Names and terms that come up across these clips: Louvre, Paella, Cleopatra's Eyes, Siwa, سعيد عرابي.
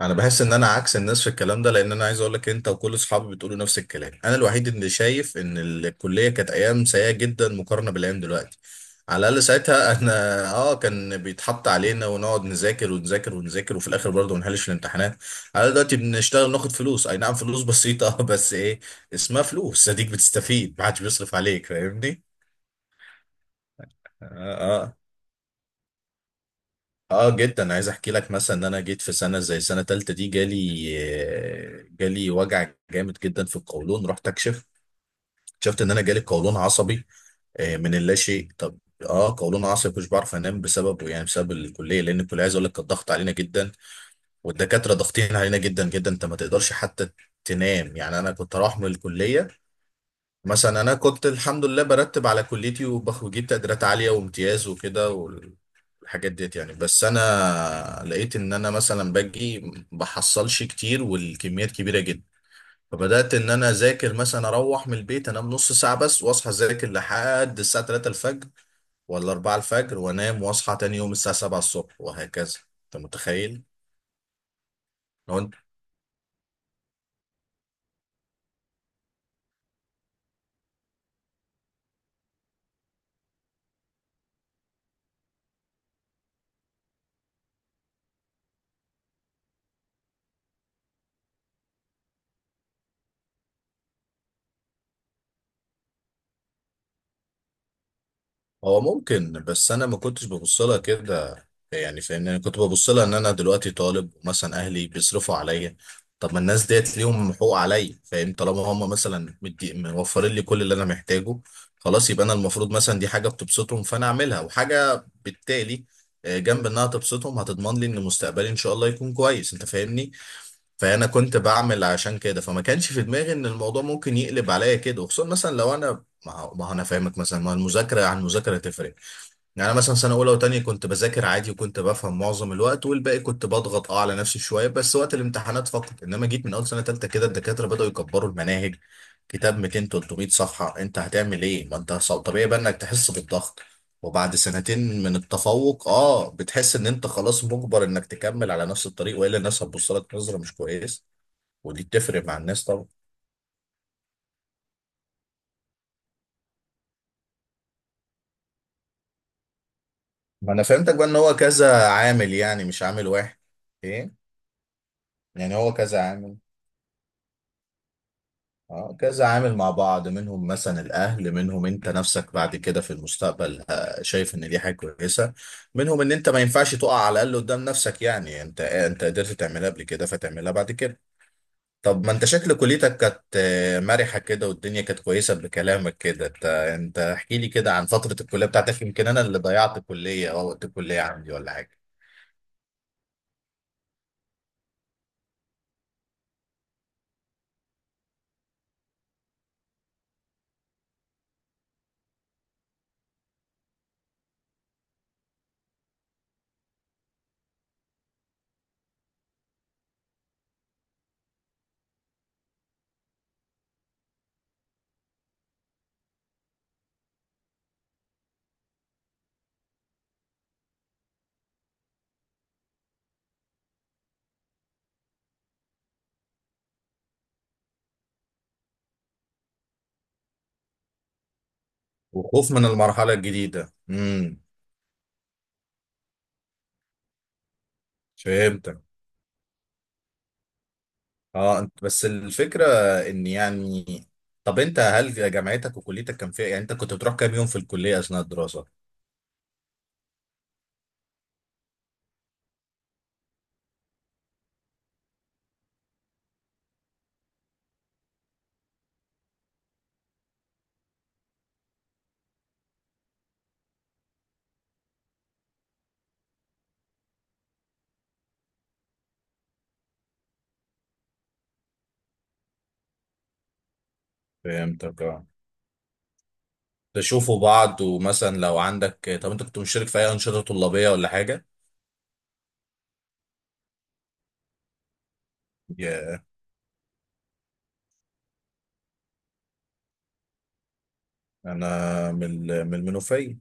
انا بحس ان انا عكس الناس في الكلام ده لان انا عايز اقول لك انت وكل اصحابي بتقولوا نفس الكلام. انا الوحيد اللي شايف ان الكليه كانت ايام سيئه جدا مقارنه بالايام دلوقتي. على الاقل ساعتها احنا اه، كان بيتحط علينا ونقعد نذاكر ونذاكر ونذاكر، وفي الاخر برضه ما نحلش الامتحانات. على الأقل دلوقتي بنشتغل ناخد فلوس، اي نعم فلوس بسيطه بس ايه، اسمها فلوس. اديك بتستفيد، ما حدش بيصرف عليك، فاهمني. اه. آه. اه جدا، عايز احكي لك مثلا ان انا جيت في سنه زي سنه تالتة دي جالي. جالي وجع جامد جدا في القولون، رحت اكشف. اكتشفت ان انا جالي قولون عصبي من اللاشيء. طب اه قولون عصبي مش بعرف انام بسببه، يعني بسبب الكليه، لان الكليه عايز اقول لك كانت ضغط علينا جدا. والدكاتره ضاغطين علينا جدا جدا، انت ما تقدرش حتى تنام. يعني انا كنت اروح من الكليه، مثلا انا كنت الحمد لله برتب على كليتي وبجيب تقديرات عاليه وامتياز وكده والحاجات ديت يعني. بس انا لقيت ان انا مثلا باجي بحصلش كتير والكميات كبيره جدا. فبدات ان انا اذاكر، مثلا اروح من البيت انام نص ساعه بس واصحى اذاكر لحد الساعه 3 الفجر ولا 4 الفجر، وانام واصحى تاني يوم الساعه 7 الصبح وهكذا. انت متخيل؟ لو. هو ممكن، بس انا ما كنتش ببص لها كده. يعني فاهمني، انا كنت ببص لها ان انا دلوقتي طالب، مثلا اهلي بيصرفوا عليا. طب ما الناس ديت ليهم حقوق عليا، فاهم؟ طالما هم مثلا مدي موفرين لي كل اللي انا محتاجه، خلاص يبقى انا المفروض مثلا دي حاجه بتبسطهم فانا اعملها، وحاجه بالتالي جنب انها تبسطهم هتضمن لي ان مستقبلي ان شاء الله يكون كويس، انت فاهمني. فانا كنت بعمل عشان كده، فما كانش في دماغي ان الموضوع ممكن يقلب عليا كده. وخصوصا مثلا لو انا ما هو انا فاهمك، مثلا ما هو المذاكره عن المذاكره تفرق. يعني أنا مثلا سنة أولى وتانية كنت بذاكر عادي وكنت بفهم معظم الوقت، والباقي كنت بضغط على نفسي شوية بس وقت الامتحانات فقط. إنما جيت من أول سنة تالتة كده الدكاترة بدأوا يكبروا المناهج. كتاب 200 300 صفحة أنت هتعمل إيه؟ ما أنت طبيعي بقى إنك تحس بالضغط. وبعد سنتين من التفوق بتحس إن أنت خلاص مجبر إنك تكمل على نفس الطريق، وإلا الناس هتبص لك نظرة مش كويس. ودي بتفرق مع الناس طبعا. ما أنا فهمتك بقى، إن هو كذا عامل يعني، مش عامل واحد. إيه؟ يعني هو كذا عامل. اه كذا عامل مع بعض. منهم مثلا الاهل، منهم انت نفسك بعد كده في المستقبل شايف ان دي حاجه كويسه. منهم ان انت ما ينفعش تقع على الاقل قدام نفسك، يعني انت انت قدرت تعملها قبل كده فتعملها بعد كده. طب ما انت شكل كليتك كانت مرحه كده والدنيا كانت كويسه بكلامك كده. انت انت احكي لي كده عن فتره الكليه بتاعتك، يمكن انا اللي ضيعت الكليه او وقت الكليه عندي ولا حاجه. وخوف من المرحله الجديده. امم. فهمتك. اه أنت، بس الفكرة ان يعني، طب انت هل جامعتك وكليتك كان فيها، يعني انت كنت بتروح كام يوم في الكلية اثناء الدراسة؟ فهمتك اه. تشوفوا بعض. ومثلا لو عندك، طب انت كنت مشترك في اي انشطة طلابية ولا حاجة؟ يا. انا من من المنوفية.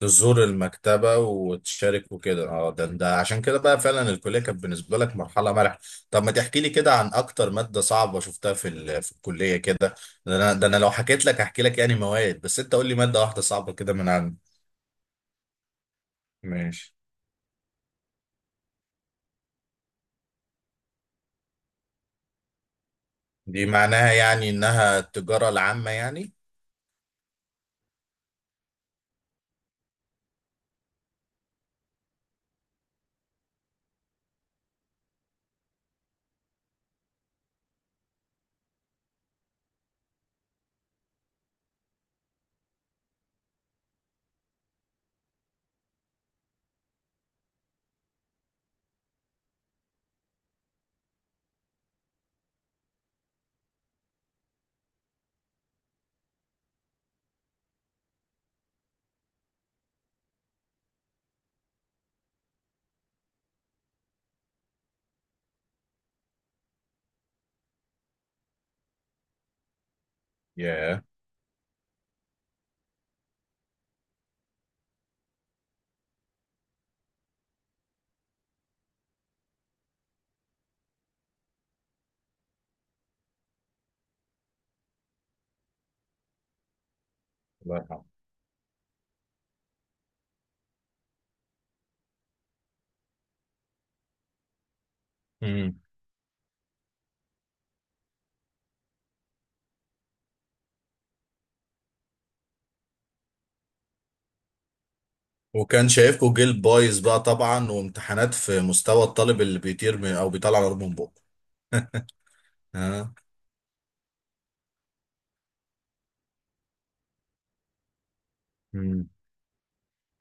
تزور المكتبة وتشارك وكده. اه، ده ده عشان كده بقى فعلا الكلية كانت بالنسبة لك مرحلة مرحلة. طب ما تحكي لي كده عن أكتر مادة صعبة شفتها في الكلية كده. ده أنا، ده أنا لو حكيت لك هحكي لك يعني مواد. بس أنت قول لي مادة واحدة صعبة كده من عندك. ماشي. دي معناها يعني إنها التجارة العامة يعني؟ ياه. الله يرحمه. امم. وكان شايفكوا جيل بايظ بقى طبعا، وامتحانات في مستوى الطالب اللي بيطير من أو بيطلع نار من بقه. ها.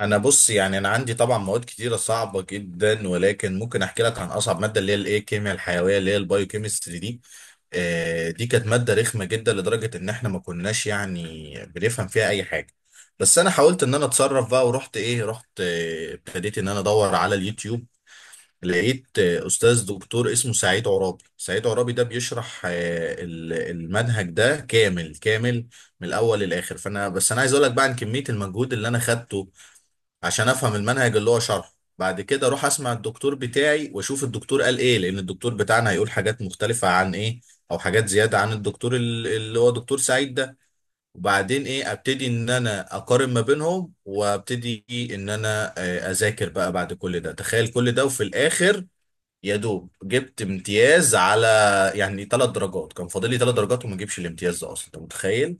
انا بص، يعني انا عندي طبعا مواد كتيره صعبه جدا، ولكن ممكن احكي لك عن اصعب ماده اللي هي الايه، الكيمياء الحيويه اللي هي البايو كيمستري دي. دي كانت ماده رخمه جدا لدرجه ان احنا ما كناش يعني بنفهم فيها اي حاجه. بس انا حاولت ان انا اتصرف بقى ورحت ايه، رحت ابتديت ان انا ادور على اليوتيوب. لقيت استاذ دكتور اسمه سعيد عرابي. سعيد عرابي ده بيشرح المنهج ده كامل كامل، من الاول للاخر. فانا، بس انا عايز اقول لك بقى عن كميه المجهود اللي انا خدته عشان افهم المنهج اللي هو شرحه، بعد كده اروح اسمع الدكتور بتاعي واشوف الدكتور قال ايه، لان الدكتور بتاعنا هيقول حاجات مختلفة عن ايه، او حاجات زيادة عن الدكتور اللي هو دكتور سعيد ده. وبعدين ايه، ابتدي ان انا اقارن ما بينهم، وابتدي ان انا اذاكر بقى بعد كل ده. تخيل كل ده وفي الاخر يا دوب جبت امتياز. على يعني ثلاث درجات كان فاضل لي ثلاث درجات وما اجيبش الامتياز ده اصلا، انت متخيل؟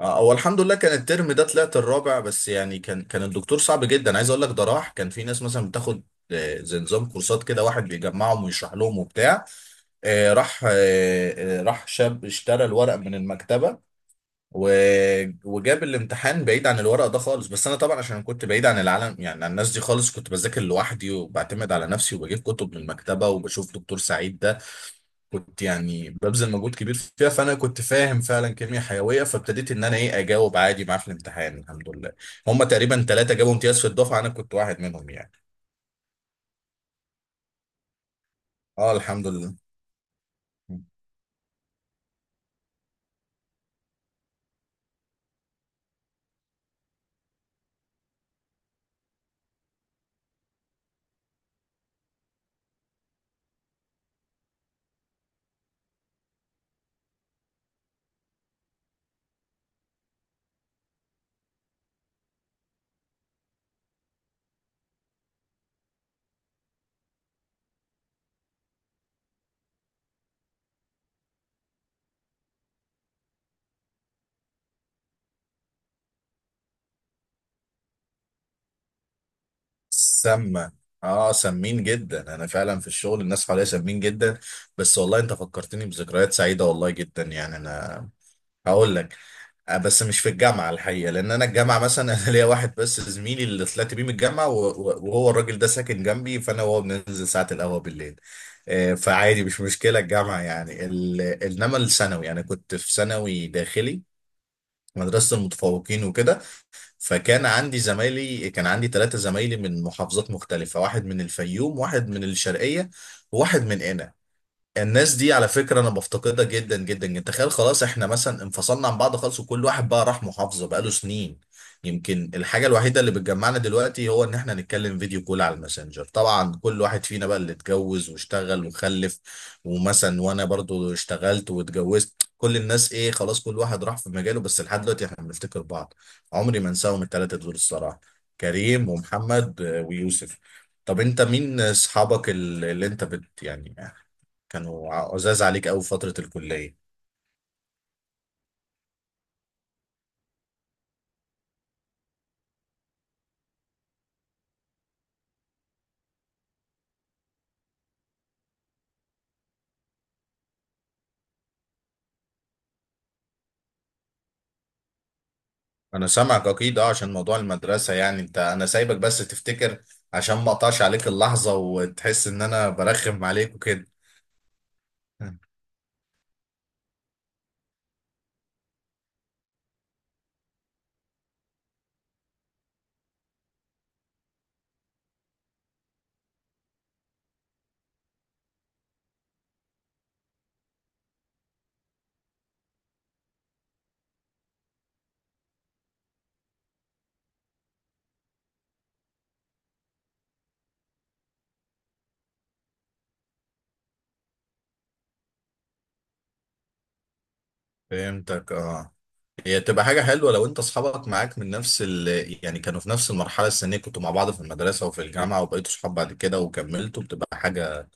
هو الحمد لله كان الترم ده طلعت الرابع، بس يعني كان كان الدكتور صعب جدا. عايز اقول لك ده، راح كان في ناس مثلا بتاخد زي نظام كورسات كده، واحد بيجمعهم ويشرح لهم وبتاع. آه، راح آه، آه، راح شاب اشترى الورق من المكتبة وجاب الامتحان بعيد عن الورق ده خالص. بس انا طبعا عشان كنت بعيد عن العالم، يعني عن الناس دي خالص، كنت بذاكر لوحدي وبعتمد على نفسي وبجيب كتب من المكتبة وبشوف دكتور سعيد ده. كنت يعني ببذل مجهود كبير فيها، فانا كنت فاهم فعلا كيمياء حيويه، فابتديت ان انا ايه اجاوب عادي معاه في الامتحان الحمد لله. هم تقريبا ثلاثه جابوا امتياز في الدفعه، انا كنت واحد منهم يعني. اه الحمد لله. سامة. اه سمين جدا، انا فعلا في الشغل الناس حواليا سمين جدا. بس والله انت فكرتني بذكريات سعيده والله جدا، يعني انا هقول لك بس مش في الجامعة الحقيقة، لأن أنا الجامعة مثلا أنا ليا واحد بس زميلي اللي طلعت بيه من الجامعة وهو الراجل ده ساكن جنبي، فأنا وهو بننزل ساعة القهوة بالليل. فعادي مش مشكلة الجامعة يعني إنما الثانوي أنا كنت في ثانوي داخلي، مدرسة المتفوقين وكده. فكان عندي زمايلي، كان عندي ثلاثة زمايلي من محافظات مختلفة، واحد من الفيوم واحد من الشرقية وواحد من هنا. الناس دي على فكرة أنا بفتقدها جدا جدا جدا. تخيل خلاص إحنا مثلا انفصلنا عن بعض خالص، وكل واحد بقى راح محافظة بقاله سنين. يمكن الحاجة الوحيدة اللي بتجمعنا دلوقتي هو إن إحنا نتكلم فيديو كول على الماسنجر، طبعا كل واحد فينا بقى اللي اتجوز واشتغل وخلف. ومثلا وأنا برضو اشتغلت واتجوزت، كل الناس إيه خلاص، كل واحد راح في مجاله، بس لحد دلوقتي إحنا بنفتكر بعض. عمري ما أنساهم التلاتة دول الصراحة، كريم ومحمد ويوسف. طب انت مين اصحابك اللي انت بت يعني، كانوا عزاز عليك قوي في فترة الكلية؟ انا سامعك اكيد اه، عشان موضوع المدرسة يعني انت. انا سايبك بس تفتكر، عشان ما اقطعش عليك اللحظة وتحس ان انا برخم عليك وكده. فهمتك اه. هي تبقى حاجة حلوة لو انت اصحابك معاك من نفس ال، يعني كانوا في نفس المرحلة السنية، كنتوا مع بعض في المدرسة وفي الجامعة وبقيتوا صحاب بعد كده وكملتوا، بتبقى حاجة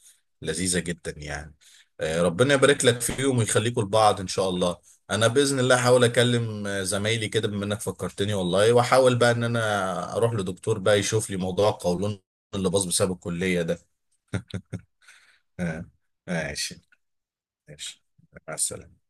لذيذة جدا يعني. ربنا يبارك لك فيهم ويخليكوا لبعض ان شاء الله. انا بإذن الله هحاول اكلم زمايلي كده بما انك فكرتني والله، واحاول بقى ان انا اروح لدكتور بقى يشوف لي موضوع القولون اللي باظ بسبب الكلية ده. آه، ماشي. ماشي، مع السلامة.